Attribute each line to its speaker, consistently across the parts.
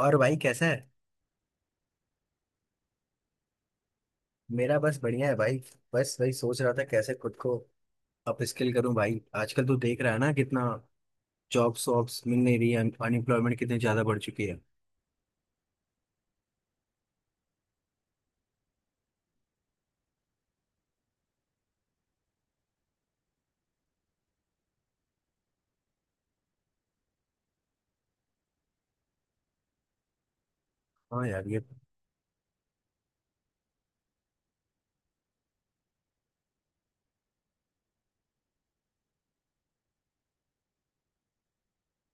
Speaker 1: और भाई कैसा है। मेरा बस बढ़िया है भाई। बस वही सोच रहा था कैसे खुद को अपस्किल करूं भाई। आजकल तो देख रहा है ना कितना जॉब्स वॉब्स मिल नहीं रही है। अनएम्प्लॉयमेंट कितनी ज्यादा बढ़ चुकी है। हाँ यार ये।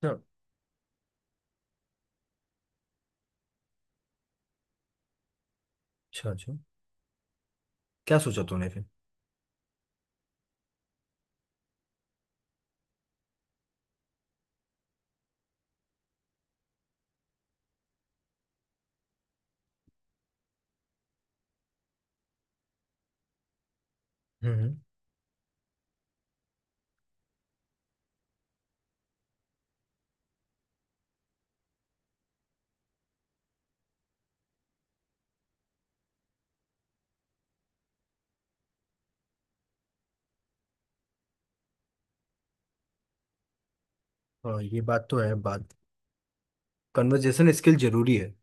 Speaker 1: अच्छा अच्छा अच्छा। क्या सोचा तूने फिर? हम्म हम्म। हाँ ये बात तो है। बात कन्वर्जेशन स्किल जरूरी है।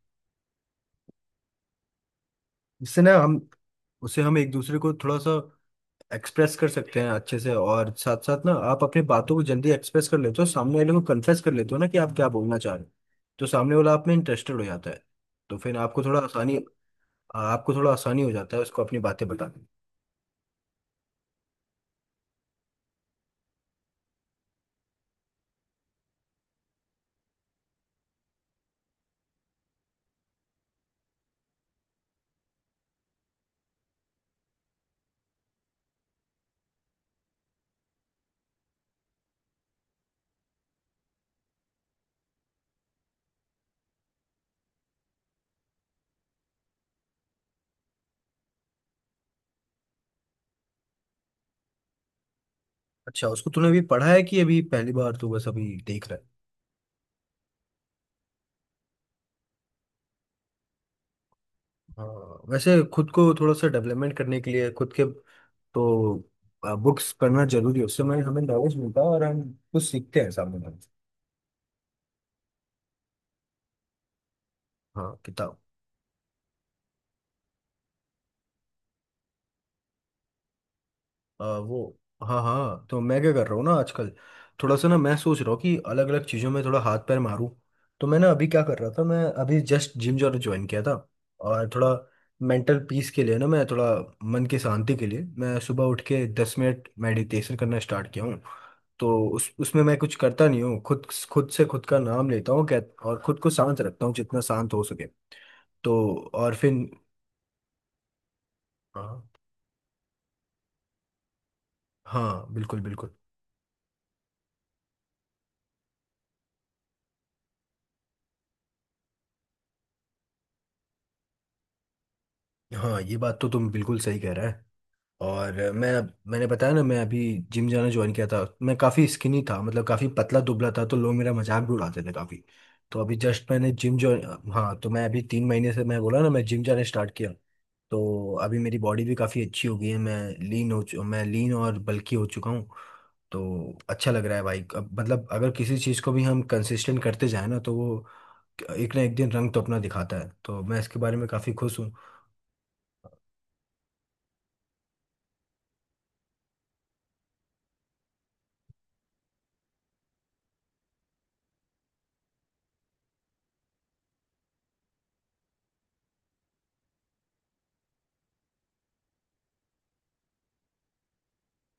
Speaker 1: इससे ना हम उसे हम एक दूसरे को थोड़ा सा एक्सप्रेस कर सकते हैं अच्छे से, और साथ साथ ना आप अपनी बातों को जल्दी एक्सप्रेस कर लेते हो, सामने वाले को कन्फेस कर लेते हो ना कि आप क्या बोलना चाह रहे हो। तो सामने वाला आप में इंटरेस्टेड हो जाता है। तो फिर आपको थोड़ा आसानी हो जाता है उसको अपनी बातें बताने में। अच्छा, उसको तूने अभी पढ़ा है कि अभी पहली बार तू बस अभी देख रहा है? हाँ, वैसे खुद को थोड़ा सा डेवलपमेंट करने के लिए खुद के तो बुक्स पढ़ना जरूरी है। उससे हमें हमें नॉलेज मिलता है और हम कुछ सीखते हैं सामने वाले से। हाँ, किताब। वो, हाँ हाँ, तो मैं क्या कर रहा हूँ ना आजकल। थोड़ा सा ना मैं सोच रहा हूँ कि अलग अलग चीज़ों में थोड़ा हाथ पैर मारूँ। तो मैं ना अभी क्या कर रहा था, मैं अभी जस्ट जिम जाना ज्वाइन किया था। और थोड़ा मेंटल पीस के लिए ना मैं थोड़ा, मन की शांति के लिए मैं सुबह उठ के 10 मिनट मेडिटेशन करना स्टार्ट किया हूँ। तो उस उसमें मैं कुछ करता नहीं हूँ खुद। खुद से खुद का नाम लेता हूँ क्या, और खुद को शांत रखता हूँ जितना शांत हो सके। तो और फिर हाँ। हाँ बिल्कुल बिल्कुल। हाँ ये बात तो तुम बिल्कुल सही कह रहा है। और मैं, मैंने बताया ना मैं अभी जिम जाना ज्वाइन किया था। मैं काफ़ी स्किनी था, मतलब काफ़ी पतला दुबला था तो लोग मेरा मजाक भी उड़ाते थे काफ़ी। तो अभी जस्ट मैंने जिम ज्वाइन, हाँ, तो मैं अभी 3 महीने से मैं बोला ना मैं जिम जाना स्टार्ट किया। तो अभी मेरी बॉडी भी काफ़ी अच्छी हो गई है। मैं लीन हो चु मैं लीन और बल्की हो चुका हूँ। तो अच्छा लग रहा है भाई। अब मतलब अगर किसी चीज़ को भी हम कंसिस्टेंट करते जाए ना तो वो एक ना एक दिन रंग तो अपना दिखाता है। तो मैं इसके बारे में काफ़ी खुश हूँ।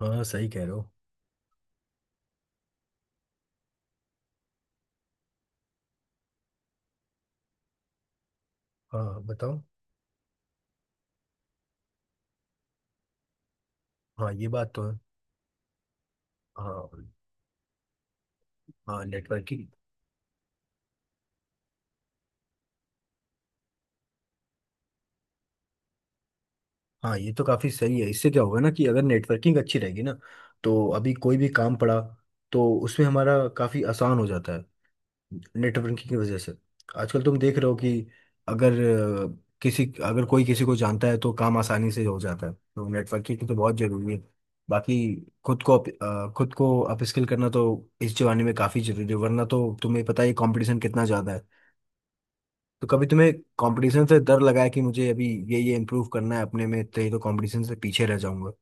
Speaker 1: हाँ सही कह रहे हो। हाँ बताओ। हाँ ये बात तो है। हाँ, हाँ नेटवर्किंग। हाँ ये तो काफ़ी सही है, इससे क्या होगा ना कि अगर नेटवर्किंग अच्छी रहेगी ना, तो अभी कोई भी काम पड़ा तो उसमें हमारा काफ़ी आसान हो जाता है नेटवर्किंग की वजह से। आजकल तुम देख रहे हो कि अगर अ, अगर कोई किसी को जानता है तो काम आसानी से हो जाता है, तो नेटवर्किंग तो बहुत ज़रूरी है। बाकी खुद को अपस्किल करना तो इस जमाने में काफ़ी ज़रूरी है, वरना तो तुम्हें पता ही कंपटीशन कितना ज़्यादा है। तो कभी तुम्हें कंपटीशन से डर लगा है कि मुझे अभी ये इम्प्रूव करना है अपने में, तो ये तो कंपटीशन से पीछे रह जाऊंगा।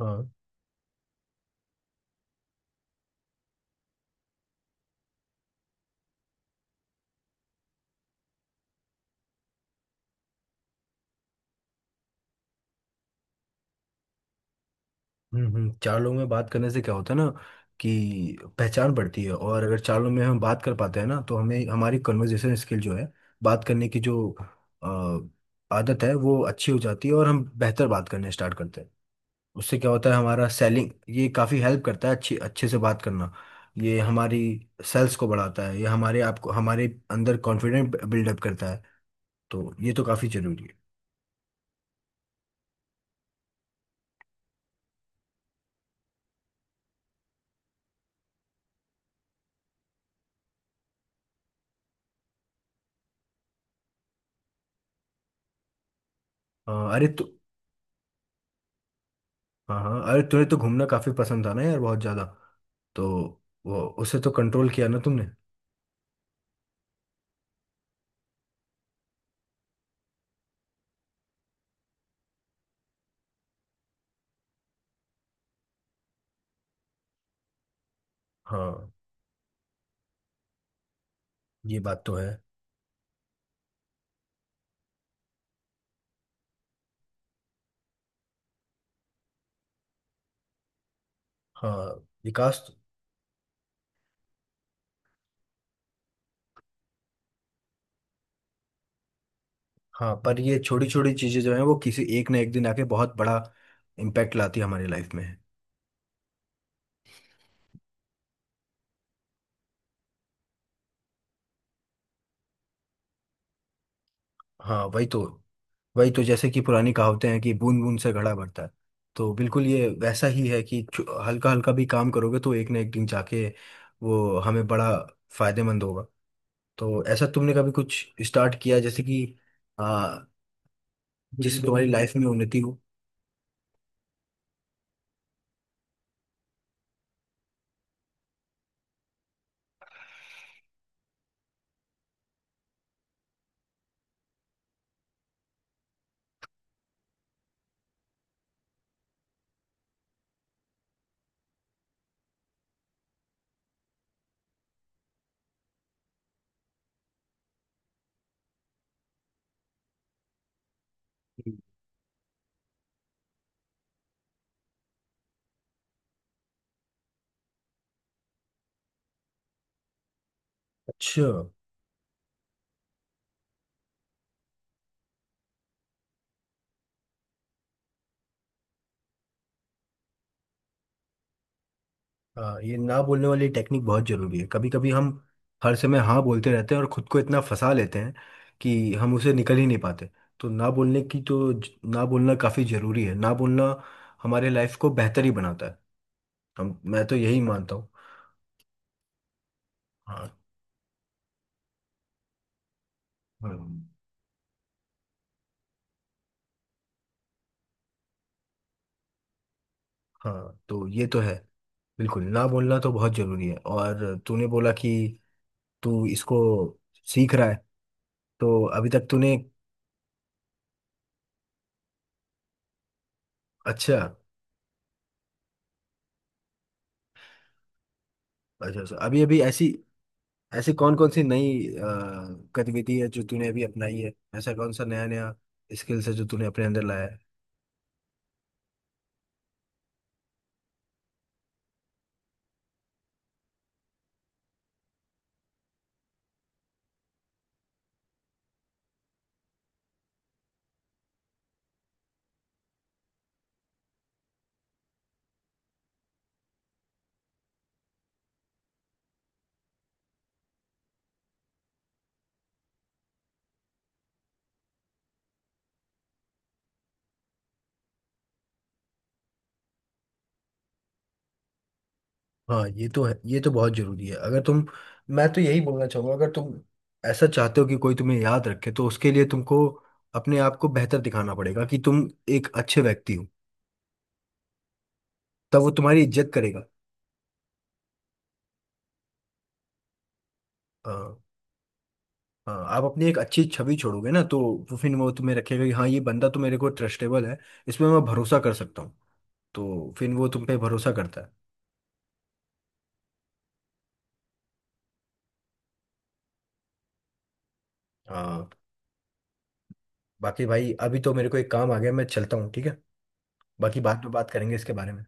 Speaker 1: हाँ, हम्म। चार लोगों में बात करने से क्या होता है ना कि पहचान बढ़ती है, और अगर चार लोगों में हम बात कर पाते हैं ना तो हमें हमारी कन्वर्जेशन स्किल जो है, बात करने की जो आदत है वो अच्छी हो जाती है, और हम बेहतर बात करने स्टार्ट करते हैं। उससे क्या होता है, हमारा सेलिंग ये काफ़ी हेल्प करता है। अच्छी अच्छे से बात करना ये हमारी सेल्स को बढ़ाता है, ये हमारे आप को हमारे अंदर कॉन्फिडेंट बिल्डअप करता है। तो ये तो काफी जरूरी है। अरे तो, हाँ हाँ, अरे तुम्हें तो घूमना काफी पसंद था ना यार, बहुत ज्यादा। तो वो, उसे तो कंट्रोल किया ना तुमने। हाँ ये बात तो है। हाँ। विकास तो, हाँ पर ये छोटी छोटी चीजें जो हैं वो किसी एक ना एक दिन आके बहुत बड़ा इम्पैक्ट लाती है हमारी लाइफ में। हाँ वही तो। वही तो, जैसे कि पुरानी कहावतें हैं कि बूंद बूंद से घड़ा भरता है। तो बिल्कुल ये वैसा ही है कि हल्का हल्का भी काम करोगे तो एक ना एक दिन जाके वो हमें बड़ा फायदेमंद होगा। तो ऐसा तुमने कभी कुछ स्टार्ट किया जैसे कि आ, जिससे तुम्हारी लाइफ में उन्नति हो? अच्छा। ये ना बोलने वाली टेक्निक बहुत जरूरी है। कभी कभी हम हर समय हाँ बोलते रहते हैं और खुद को इतना फंसा लेते हैं कि हम उसे निकल ही नहीं पाते। तो ना बोलने की तो ना बोलना काफी जरूरी है। ना बोलना हमारे लाइफ को बेहतर ही बनाता है। हम, मैं तो यही मानता हूँ। हाँ, हाँ, हाँ, तो ये तो है। बिल्कुल ना बोलना तो बहुत जरूरी है। और तूने बोला कि तू इसको सीख रहा है, तो अभी तक तूने? अच्छा। अच्छा अच्छा, अभी अभी ऐसी, ऐसी कौन कौन सी नई गतिविधि है जो तूने अभी अपनाई है? ऐसा कौन सा नया नया स्किल्स है जो तूने अपने अंदर लाया है? हाँ ये तो है, ये तो बहुत जरूरी है। अगर तुम, मैं तो यही बोलना चाहूंगा, अगर तुम ऐसा चाहते हो कि कोई तुम्हें याद रखे तो उसके लिए तुमको अपने आप को बेहतर दिखाना पड़ेगा कि तुम एक अच्छे व्यक्ति हो, तब वो तुम्हारी इज्जत करेगा। हाँ, आप अपनी एक अच्छी छवि छोड़ोगे ना तो वो फिर वो तुम्हें रखेगा कि हाँ ये बंदा तो मेरे को ट्रस्टेबल है, इसमें मैं भरोसा कर सकता हूँ, तो फिर वो तुम पे भरोसा करता है। हाँ। बाकी भाई, अभी तो मेरे को एक काम आ गया, मैं चलता हूँ ठीक है। बाकी बाद में बात करेंगे इसके बारे में।